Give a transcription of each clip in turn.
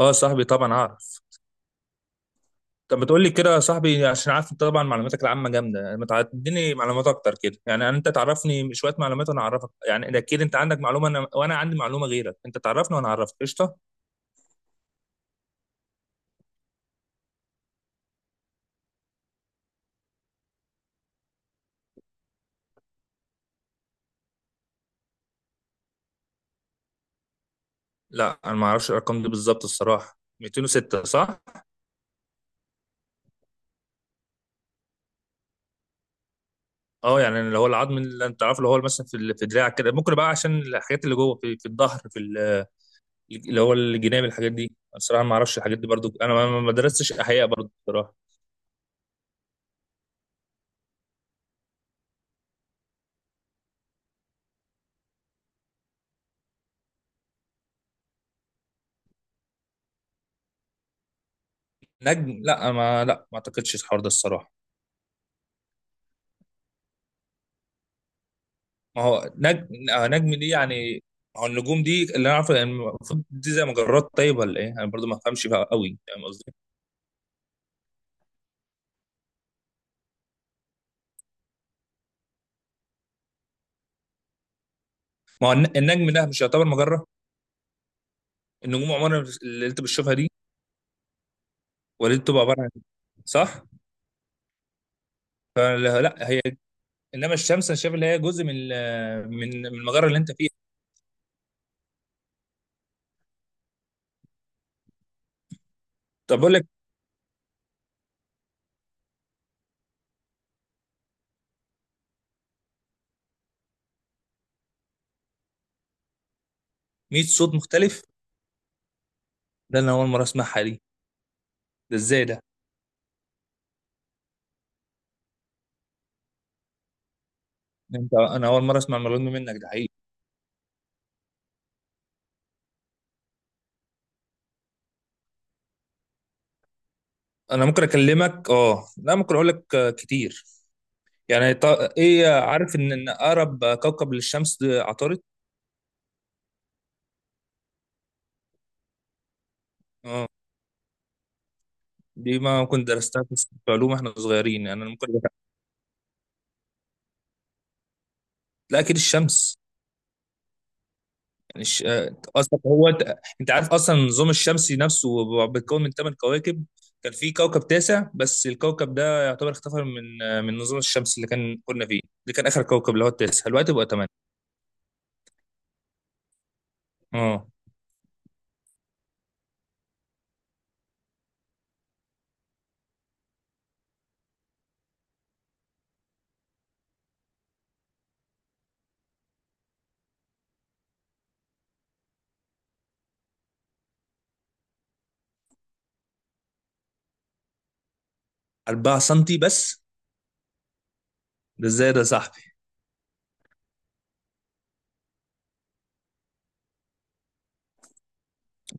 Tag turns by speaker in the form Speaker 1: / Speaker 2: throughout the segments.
Speaker 1: اه صاحبي، طبعا اعرف. طب ما تقول لي كده يا صاحبي عشان عارف انت طبعا معلوماتك العامه جامده. يعني ما تعديني معلومات اكتر كده، يعني انت تعرفني شويه معلومات وانا اعرفك. يعني اكيد انت عندك معلومه وانا عندي معلومه غيرك، انت تعرفني وانا اعرفك، قشطه. لا انا ما اعرفش الارقام دي بالظبط الصراحه. 206 صح. اه يعني اللي هو العظم اللي انت عارفه، اللي هو مثلا في دراعك كده، ممكن بقى عشان الحاجات اللي جوه في الظهر، اللي هو الجناب. الحاجات دي الصراحه ما اعرفش الحاجات دي برضو. انا ما درستش احياء برضو الصراحه. نجم، لا ما اعتقدش الحوار ده الصراحه. ما هو نجم، نجم دي يعني. هو النجوم دي اللي انا عارفه يعني المفروض دي زي مجرات، طيب ولا ايه؟ انا برضو ما بفهمش فيها قوي، فاهم قصدي؟ ما هو النجم ده مش يعتبر مجره؟ النجوم عمرها اللي انت بتشوفها دي، ولا دي بتبقى عباره عن، صح؟ فلا لا، هي. انما الشمس انا شايف اللي هي جزء من ال- من من المجره اللي انت فيها. طب اقول لك. 100 صوت مختلف. ده انا اول مره اسمعها دي. ده ازاي ده؟ انا اول مره اسمع المعلومه دي منك، ده حقيقي. انا ممكن اكلمك. اه لا، ممكن اقول لك كتير. يعني ايه، عارف ان اقرب كوكب للشمس ده عطارد. اه. دي ما كنت درستها في علوم احنا صغيرين، يعني انا ممكن. لا اكيد الشمس. يعني الش... آه، اصلا هو انت عارف اصلا النظام الشمسي نفسه بيتكون من 8 كواكب. كان في كوكب تاسع، بس الكوكب ده يعتبر اختفى من النظام الشمسي اللي كنا فيه. ده كان اخر كوكب، اللي هو التاسع، دلوقتي بقى 8. اه. 4 سم بس؟ ده ازاي ده، صح.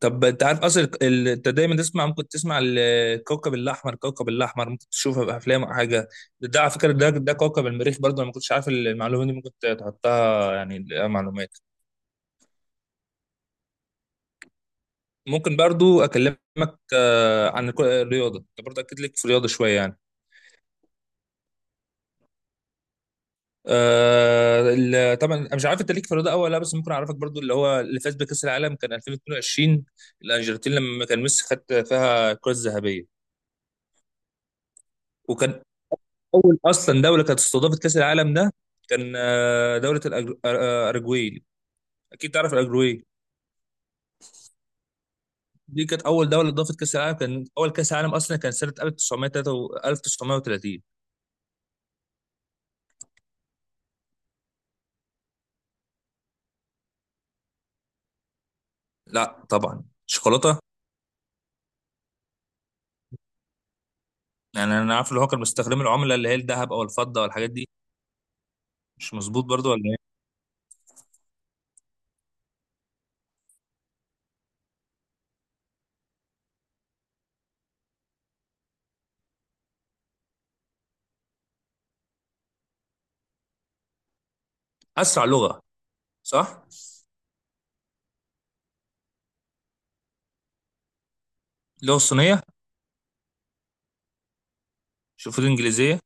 Speaker 1: طب انت عارف اصلا، انت دايما تسمع، ممكن تسمع الكوكب الاحمر، كوكب الاحمر ممكن تشوفها في افلام او حاجه. ده على فكره، ده كوكب المريخ. برضو انا ما كنتش عارف المعلومه دي، ممكن تحطها يعني لها معلومات. ممكن برضو اكلمك عن الرياضه. انت برضو اكيد ليك في الرياضه شويه يعني. طبعا انا مش عارف انت ليك في الرياضه أوي ولا لا، بس ممكن اعرفك برضو اللي هو اللي فاز بكاس العالم كان 2022، الارجنتين، لما كان ميسي خد فيها الكره الذهبيه. وكان اول اصلا دوله كانت استضافت كاس العالم ده كان دوله الاراجواي. اكيد تعرف الاراجواي. دي كانت اول دوله اضافت كاس العالم. كان اول كاس عالم اصلا كان سنه 1933 1930. لا طبعا، شوكولاته. يعني انا عارف اللي هو كان مستخدم العمله اللي هي الذهب او الفضه والحاجات دي. مش مظبوط برضو ولا ايه. اسرع لغه، صح. اللغه الصينيه. شوف الانجليزيه.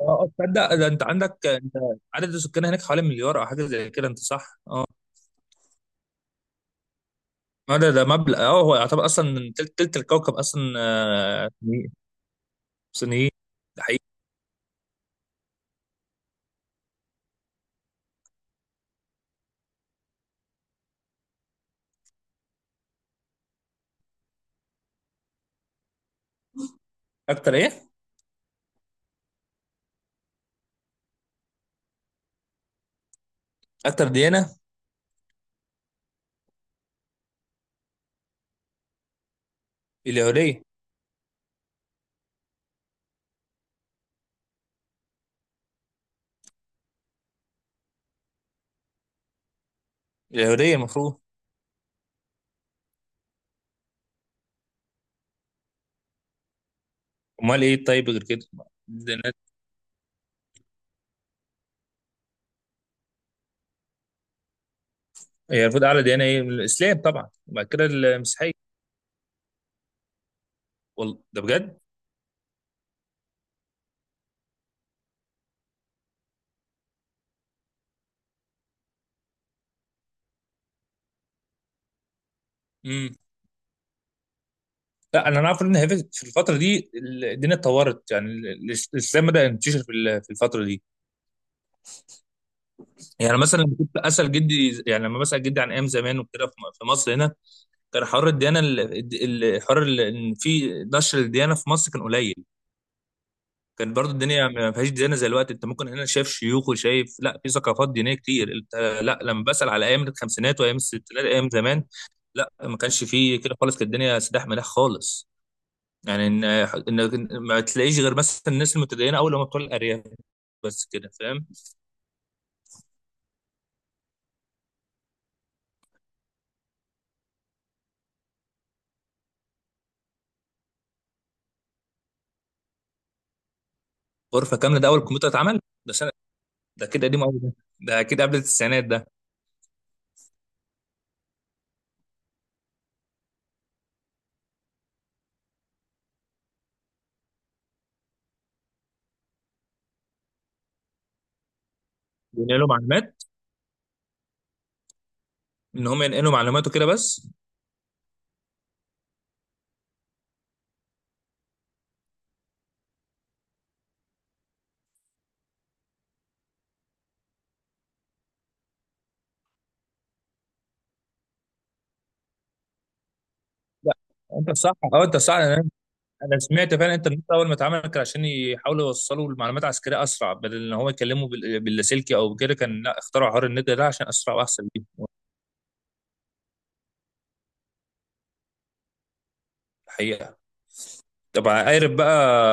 Speaker 1: اه، تصدق ده انت عندك انت، عدد السكان هناك حوالي مليار او حاجه زي كده، انت صح، اه. ما ده مبلغ، اه. هو يعتبر اصلا من تلت الكوكب اصلا صينيين. صينيين، ده حقيقي. اكتر ايه؟ اكتر ديانه. اليهوديه. اليهوديه المفروض. امال ايه، طيب، غير كده؟ الديانات. هي المفروض اعلى ديانه ايه؟ الاسلام طبعا، وبعد كده المسيحيه. والله، ده بجد؟ امم. لا انا اعرف ان هي في الفتره دي الدنيا اتطورت. يعني الاسلام بدا ينتشر في الفتره دي. يعني مثلا لما كنت اسال جدي، يعني لما بسال جدي عن ايام زمان وكده، في مصر هنا كان حوار الديانه. ان في نشر الديانه في مصر كان قليل. كان برضو الدنيا ما فيهاش ديانه زي الوقت. انت ممكن هنا شايف شيوخ وشايف، لا، في ثقافات دينيه كتير انت. لا، لما بسأل على ايام الخمسينات وايام الستينات، ايام زمان، لا ما كانش فيه كده خالص، كانت الدنيا سداح مداح خالص. يعني ان ما تلاقيش غير مثلا الناس المتدينه، اول لما بتوع الارياف، بس كده فاهم. غرفه كامله، ده اول كمبيوتر اتعمل. ده سنه. ده كده قديم قوي ده، ده اكيد قبل التسعينات ده. بينقلوا معلومات. ان هم ينقلوا معلومات وكده بس. لا انت صح، اه، انت صح. انا أنا سمعت فعلا الانترنت اول ما اتعمل كان عشان يحاولوا يوصلوا المعلومات عسكريه اسرع، بدل ان هو يكلموا باللاسلكي او كده. كان لا، اخترعوا حوار النت ده عشان اسرع واحسن ليهم. الحقيقه. طب عارف بقى،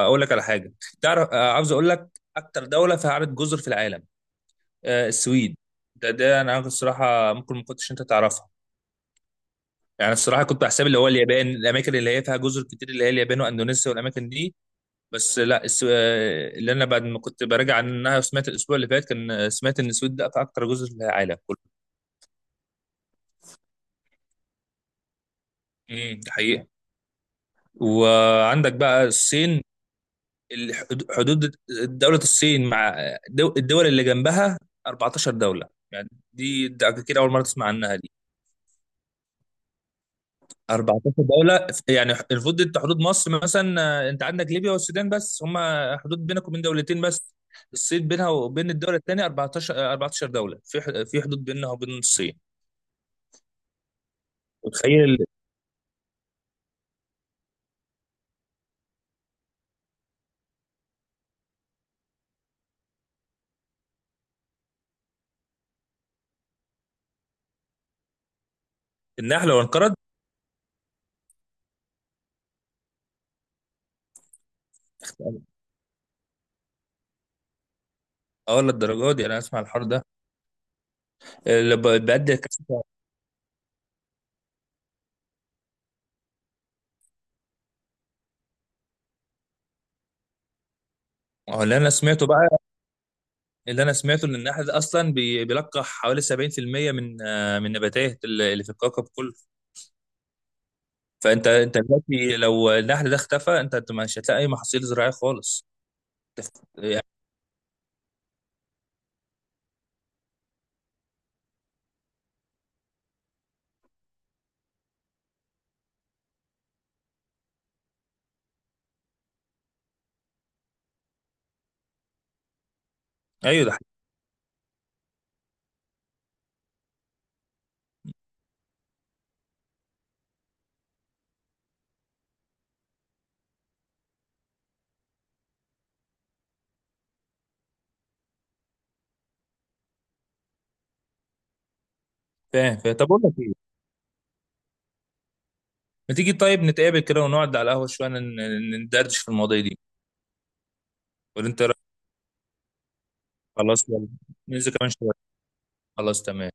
Speaker 1: اقول لك على حاجه. تعرف، عاوز اقول لك، اكتر دوله فيها عدد جزر في العالم، السويد. ده انا عارف الصراحه، ممكن ما كنتش انت تعرفها. يعني الصراحه كنت بحسب اللي هو اليابان، الاماكن اللي هي فيها جزر كتير اللي هي اليابان واندونيسيا والاماكن دي. بس لا، اللي انا بعد ما كنت براجع عنها وسمعت الاسبوع اللي فات، كان سمعت ان السويد ده اكتر جزر في العالم كله. امم. ده حقيقة. وعندك بقى الصين. حدود دولة الصين مع الدول اللي جنبها 14 دولة، يعني دي ده كده اول مرة تسمع عنها دي. 14 دولة. يعني المفروض انت حدود مصر مثلا، انت عندك ليبيا والسودان بس، هم حدود بينك وبين 2 دولة بس. الصين بينها وبين الدولة الثانية 14، 14 دولة في حدود بينها وبين الصين. متخيل النحل لو انقرض؟ اه، للدرجه دي؟ انا اسمع الحوار ده. اللي بيأدي الكسل. هو اللي انا سمعته بقى، اللي انا سمعته ان النحل ده اصلا بيلقح حوالي 70% من النباتات اللي في الكوكب كله. فانت دلوقتي لو النحل ده اختفى، انت مش هتلاقي اي محاصيل زراعيه خالص. تف- يعني- ايوه، ده حقيقي. فاهم فاهم. طب اقول لك ايه، ما تيجي طيب نتقابل كده ونقعد على القهوه شويه ندردش في المواضيع دي، ولا انت رأيك؟ خلاص يلا، ننزل كمان شويه. خلاص، تمام.